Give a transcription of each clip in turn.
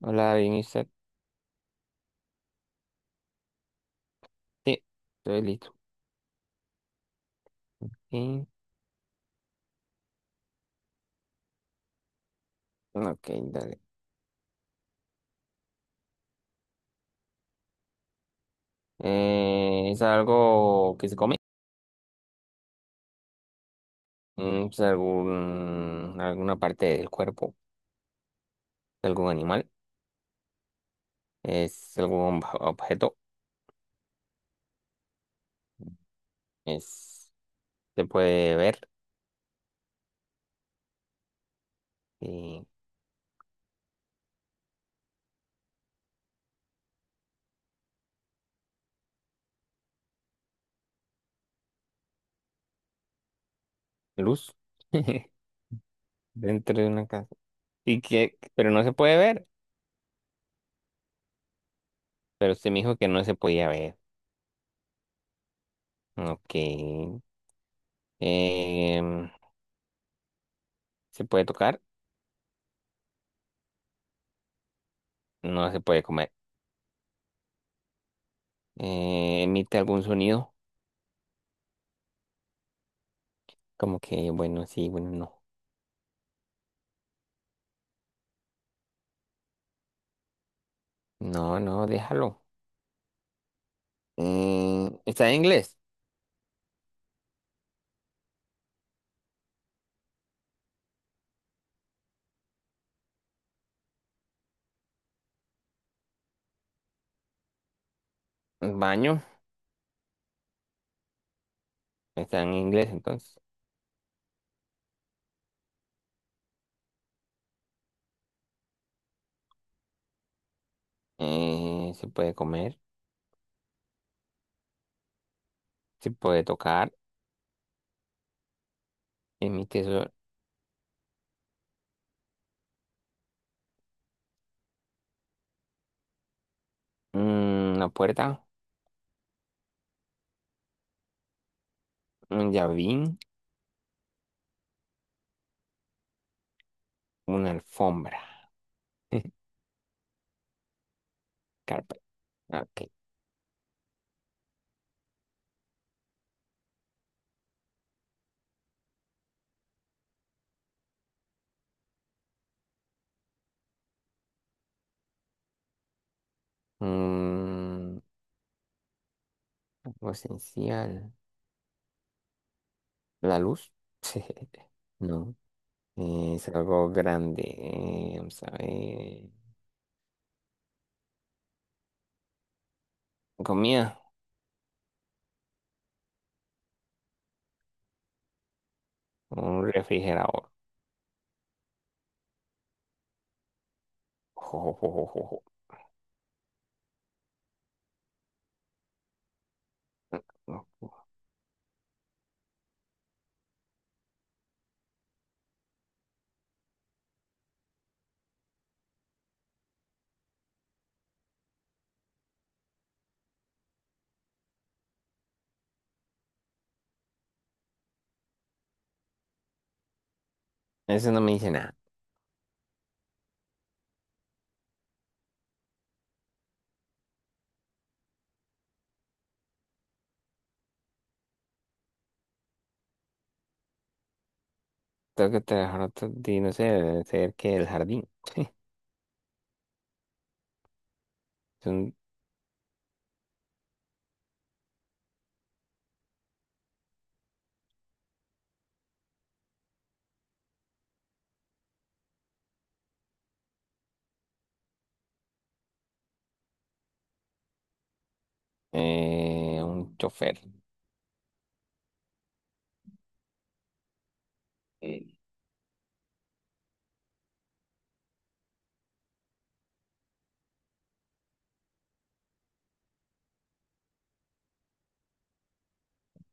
Hola, bien, sí, estoy listo. Y- ok, dale. ¿Es algo que se come? ¿Es alguna parte del cuerpo de algún animal? ¿Es algún objeto? ¿Es, ¿Se puede ver? Y Luz. Dentro de una casa. ¿Y que Pero no se puede ver. Pero usted me dijo que no se podía ver. Ok. Em, ¿Se puede tocar? No se puede comer. ¿Emite algún sonido? Como que, bueno, sí, bueno, no. No, no, déjalo. Está en inglés. El baño está en inglés, entonces. Se puede comer, se puede tocar. Emite so- una puerta, un llavín, una alfombra. Carpet. Ok. Mm, Algo esencial. La luz. No. Es algo grande. Vamos a ver. Comida. Un refrigerador. Eso no me dice nada. Tengo que trabajar otro día, no sé, debe ser que el jardín. Es un, un chofer. Eh,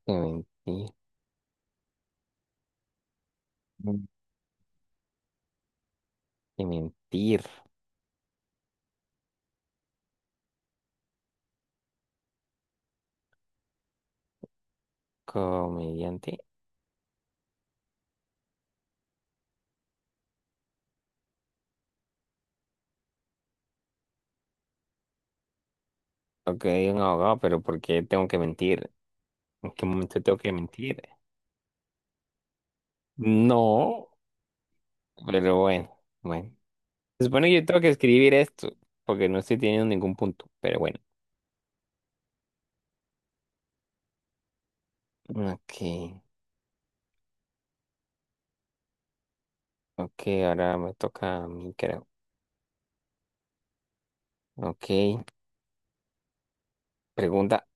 Que mentir. Que mentir. Comediante. Ok, un abogado, pero ¿por qué tengo que mentir? ¿En qué momento tengo que mentir? No, pero bueno, bueno. Se supone que yo tengo que escribir esto, porque no estoy teniendo ningún punto, pero bueno. Ok, ok, ahora me toca a mí, creo. Ok, pregunta.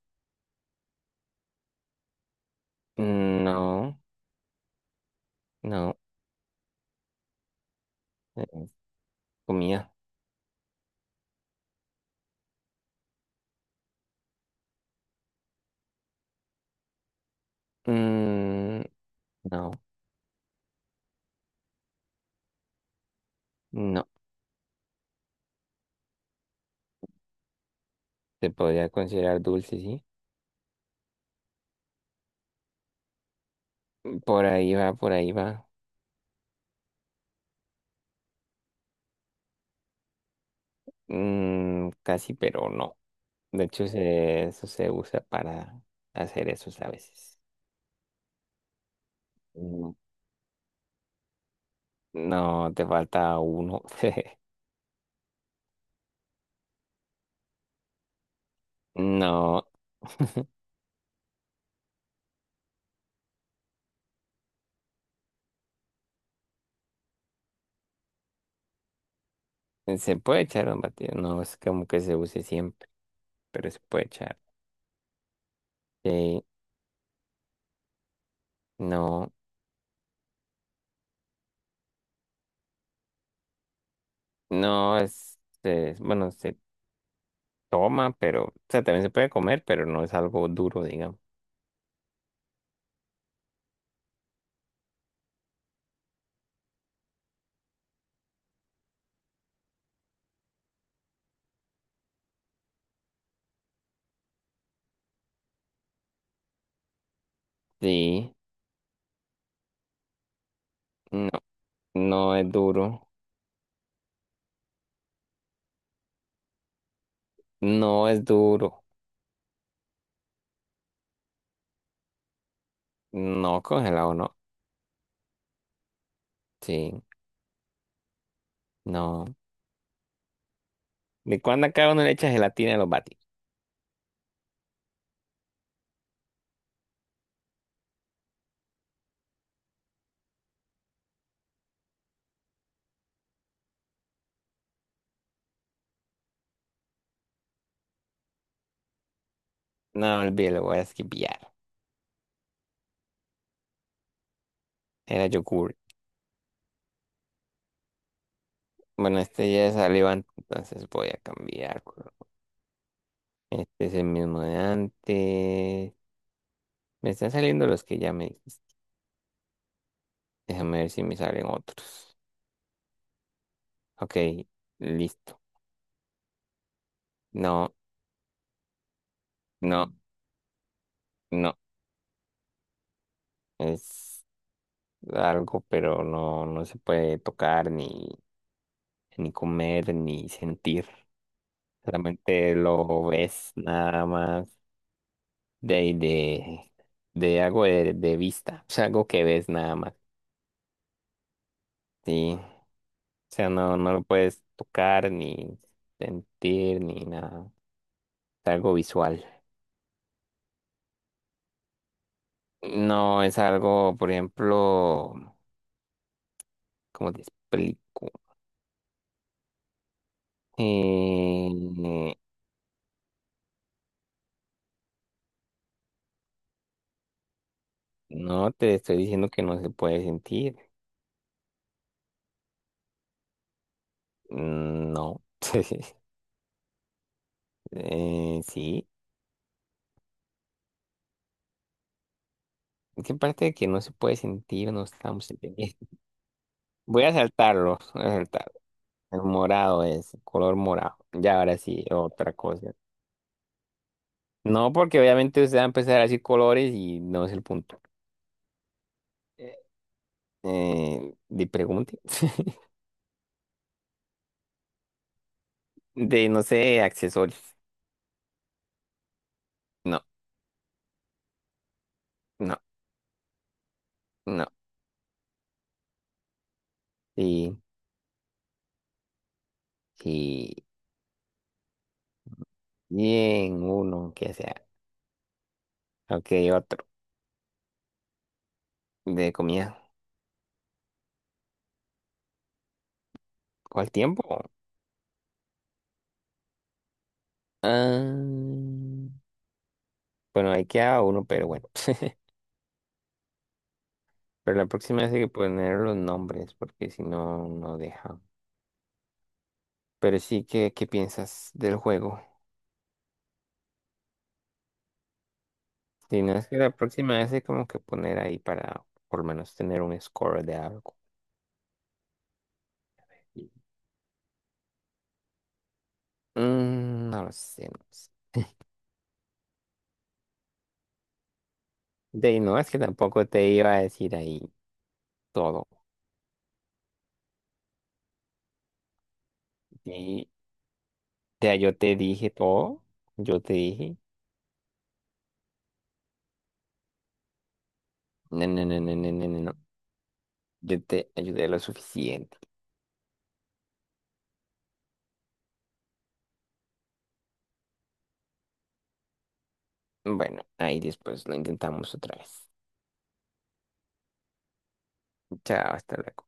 No. No. Eh, Comida. Mm, no, no. Se podría considerar dulce, sí. Por ahí va, por ahí va. Casi, pero no. De hecho, eso se usa para hacer eso a veces. Mm, no, te falta uno. No, se puede echar un batido. No es como que se use siempre, pero se puede echar. Sí, no, no es, bueno, se toma, pero, o sea, también se puede comer, pero no es algo duro, digamos. Sí, no, no es duro, no es duro, no congelado, no, sí, no. ¿De cuándo acá uno le echa gelatina a los batis? No, olvídalo, voy a esquipear. Era yogurt. Bueno, este ya salió antes, entonces voy a cambiar color. Este es el mismo de antes. Me están saliendo los que ya me dijiste. Déjame ver si me salen otros. Ok, listo. No, no, no, es algo, pero no, no se puede tocar ni comer, ni sentir. Solamente lo ves nada más de, ahí de algo de vista. O sea, algo que ves nada más. Sí. O sea, no, no lo puedes tocar, ni sentir, ni nada. Es algo visual. No es algo, por ejemplo, ¿cómo te explico? Eh, no te estoy diciendo que no se puede sentir. Mm, no. Sí. Qué parte de que no se puede sentir, no estamos entendiendo. Voy a saltarlo, voy a saltarlo. El morado es, color morado. Ya ahora sí, otra cosa. No, porque obviamente usted va a empezar a decir colores y no es el punto. Eh, de pregunte. De, no sé, accesorios. No, no, no. Sí, sí. Bien, uno, que sea. Ok, otro. De comida. ¿Cuál tiempo? Ah, bueno, ahí queda uno, pero bueno. Pero la próxima vez hay que poner los nombres, porque si no, no deja. Pero sí, ¿qué piensas del juego? Si no es que la próxima vez hay como que poner ahí para por lo menos tener un score de algo. Mm, no lo sé, no lo sé. De ahí no, es que tampoco te iba a decir ahí todo. Y, o yo te dije todo, yo te dije, no, no, no, no, no, no, no, no. Yo te ayudé lo suficiente. Bueno, ahí después lo intentamos otra vez. Chao, hasta luego.